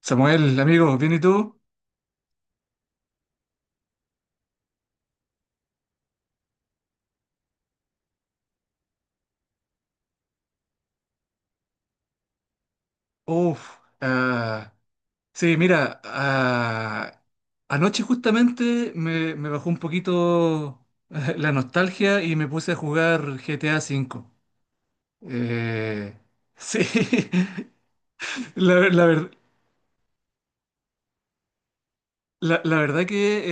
Samuel, amigo, ¿bien y tú? Uf, ah, sí, mira, anoche justamente me bajó un poquito la nostalgia y me puse a jugar GTA V. Eh, sí, la, ver- la ver- la verdad que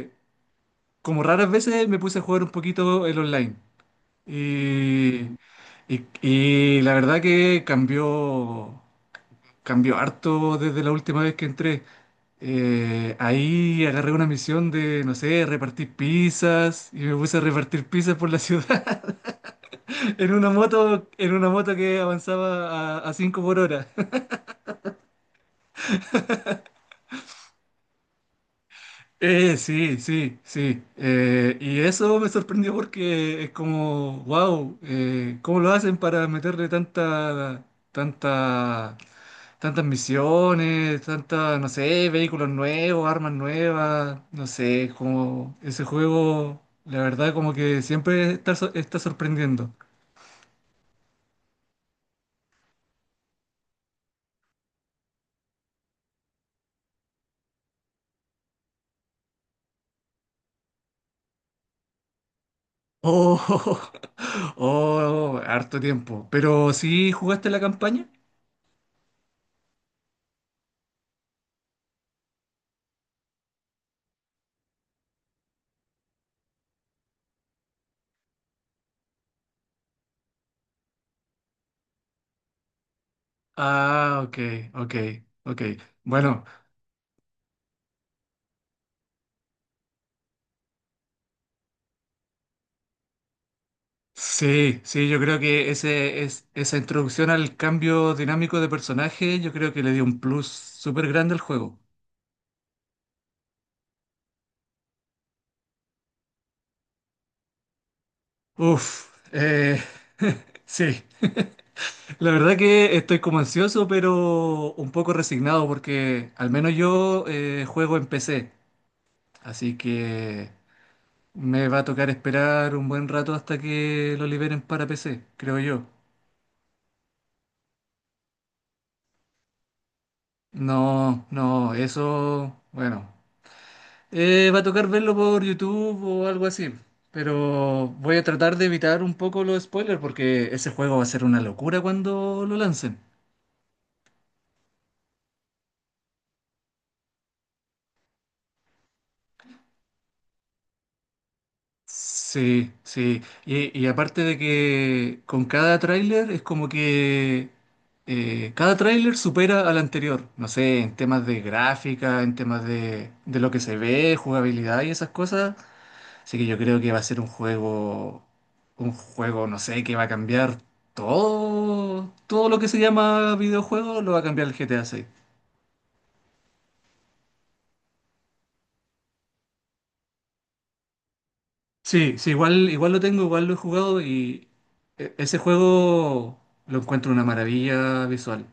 eh, como raras veces me puse a jugar un poquito el online. Y, y la verdad que cambió, cambió harto desde la última vez que entré. Ahí agarré una misión de, no sé, repartir pizzas y me puse a repartir pizzas por la ciudad en una moto que avanzaba a, 5 por hora. Sí, sí, sí. Y eso me sorprendió porque es como, wow, ¿cómo lo hacen para meterle tanta, tantas misiones, tantas, no sé, vehículos nuevos, armas nuevas, no sé, como ese juego, la verdad, como que siempre está, está sorprendiendo. Oh, oh, harto tiempo. Pero sí jugaste la campaña. Ah, ok, ok, ok. Bueno. Sí, sí, yo creo que esa introducción al cambio dinámico de personaje, yo creo que le dio un plus súper grande al juego. Uf, sí, la verdad que estoy como ansioso, pero un poco resignado porque al menos yo juego en PC, así que me va a tocar esperar un buen rato hasta que lo liberen para PC, creo yo. No, no, eso, bueno. Va a tocar verlo por YouTube o algo así. Pero voy a tratar de evitar un poco los spoilers porque ese juego va a ser una locura cuando lo lancen. Sí, sí. Y aparte de que con cada tráiler es como que cada tráiler supera al anterior. No sé, en temas de gráfica, en temas de lo que se ve, jugabilidad y esas cosas. Así que yo creo que va a ser un juego, no sé, que va a cambiar todo, todo lo que se llama videojuego, lo va a cambiar el GTA 6. Sí, sí, igual, igual lo tengo, igual lo he jugado y ese juego lo encuentro una maravilla visual.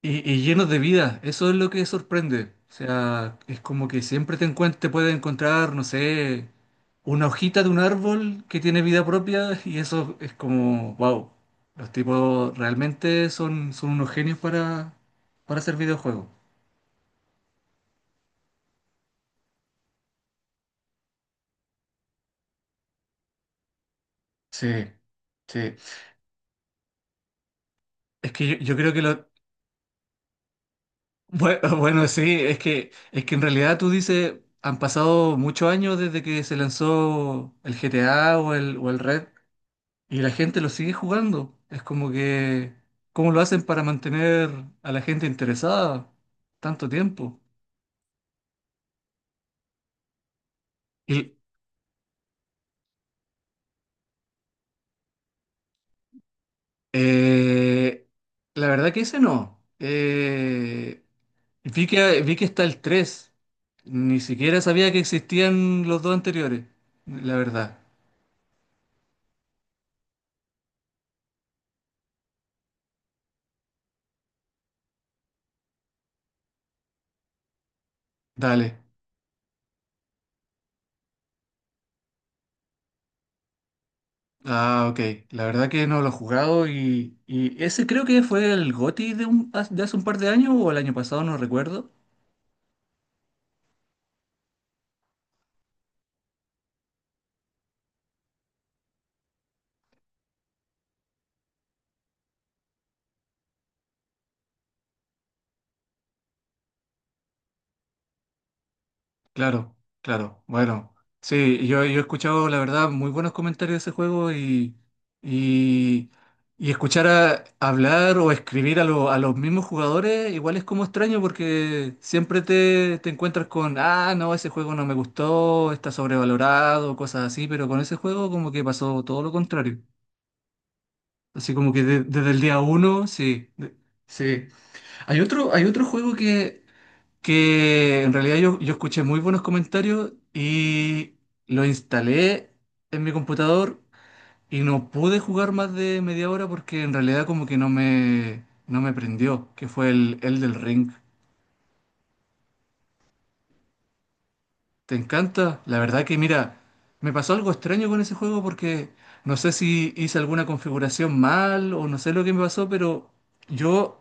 Y llenos de vida, eso es lo que sorprende. O sea, es como que siempre te te puedes encontrar, no sé, una hojita de un árbol que tiene vida propia y eso es como, wow, los tipos realmente son, unos genios para hacer videojuegos. Sí, sí. Es que yo creo que lo... Bueno, sí, es que en realidad tú dices, han pasado muchos años desde que se lanzó el GTA o el Red. Y la gente lo sigue jugando. Es como que, ¿cómo lo hacen para mantener a la gente interesada tanto tiempo? Y eh, la verdad que ese no. Vi que está el 3. Ni siquiera sabía que existían los dos anteriores. La verdad. Dale. Ah, ok. La verdad que no lo he jugado y ese creo que fue el GOTY de hace un par de años o el año pasado, no recuerdo. Claro, claro. Bueno, sí, yo he escuchado, la verdad, muy buenos comentarios de ese juego y, y escuchar hablar o escribir a los mismos jugadores igual es como extraño porque siempre te encuentras con, ah, no, ese juego no me gustó, está sobrevalorado, cosas así, pero con ese juego como que pasó todo lo contrario. Así como que desde el día uno, sí, sí. Hay otro juego que en realidad yo escuché muy buenos comentarios y lo instalé en mi computador y no pude jugar más de media hora porque en realidad como que no me prendió, que fue el del Ring. ¿Te encanta? La verdad que mira, me pasó algo extraño con ese juego porque no sé si hice alguna configuración mal o no sé lo que me pasó, pero yo,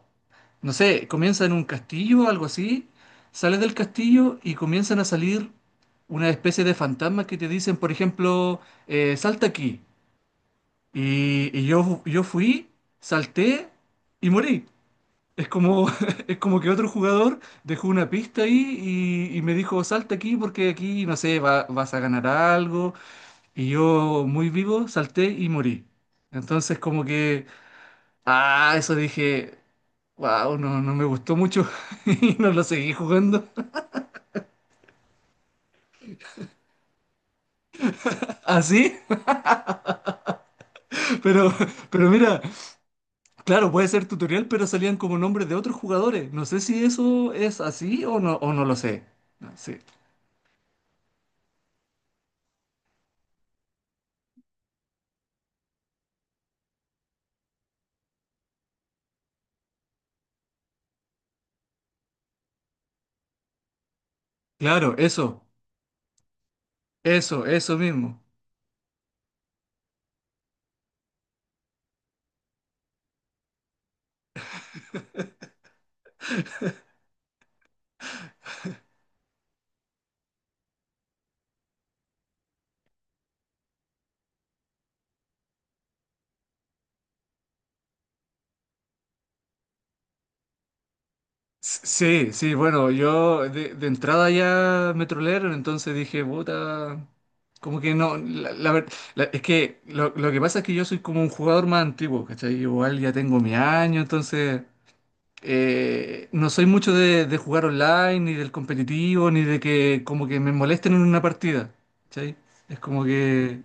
no sé, comienza en un castillo o algo así, sales del castillo y comienzan a salir una especie de fantasmas que te dicen, por ejemplo, salta aquí. Y yo fui, salté y morí. Es como, es como que otro jugador dejó una pista ahí y me dijo, salta aquí porque aquí, no sé, vas a ganar algo. Y yo, muy vivo, salté y morí. Entonces como que, ah, eso dije, wow, no, no me gustó mucho y no lo seguí jugando así. Pero, pero mira, claro, puede ser tutorial, pero salían como nombres de otros jugadores. No sé si eso es así o no, lo sé. No sé. Claro, eso mismo. Sí, sí, bueno, yo de entrada ya me trolearon, entonces dije, puta, como que no, es que lo que pasa es que yo soy como un jugador más antiguo, ¿cachai? Igual ya tengo mi año, entonces no soy mucho de jugar online, ni del competitivo, ni de que como que me molesten en una partida, ¿cachai? Es como que...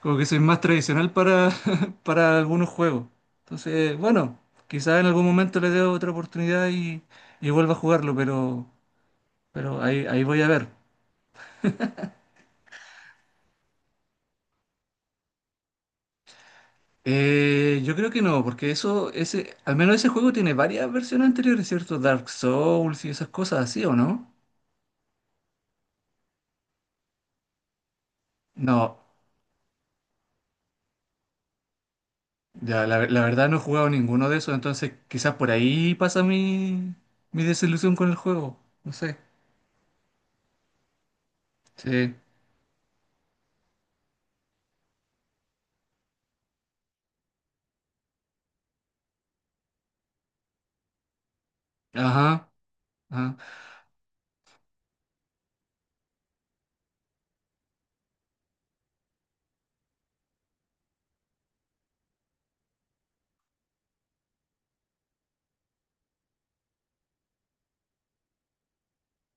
Como que soy más tradicional para, para algunos juegos. Entonces, bueno, quizás en algún momento le dé otra oportunidad y, vuelva a jugarlo, pero, ahí voy a ver. Yo creo que no, porque al menos ese juego tiene varias versiones anteriores, ¿cierto? Dark Souls y esas cosas así, ¿o no? No, ya, la verdad no he jugado ninguno de esos, entonces quizás por ahí pasa mi desilusión con el juego. No sé. Sí. Ajá, ajá.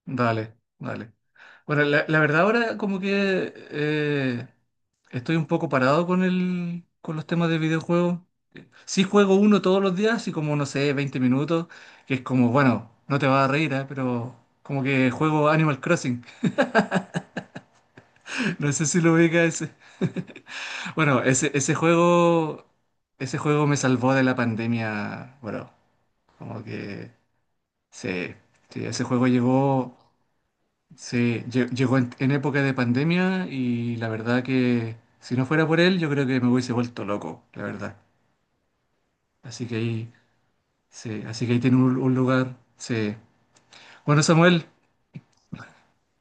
Dale, dale. Bueno, la verdad ahora como que estoy un poco parado con los temas de videojuegos. Sí juego uno todos los días, y como no sé, 20 minutos, que es como, bueno, no te vas a reír, ¿eh? Pero como que juego Animal Crossing. No sé si lo ubica ese. Bueno, ese juego me salvó de la pandemia, bueno, como que sí, sí, ese juego llegó. Sí, llegó en, época de pandemia y la verdad que si no fuera por él, yo creo que me hubiese vuelto loco, la verdad. Así que ahí, sí, así que ahí tiene un lugar, sí. Bueno, Samuel,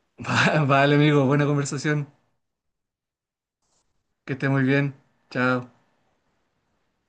vale amigo, buena conversación, que esté muy bien, chao.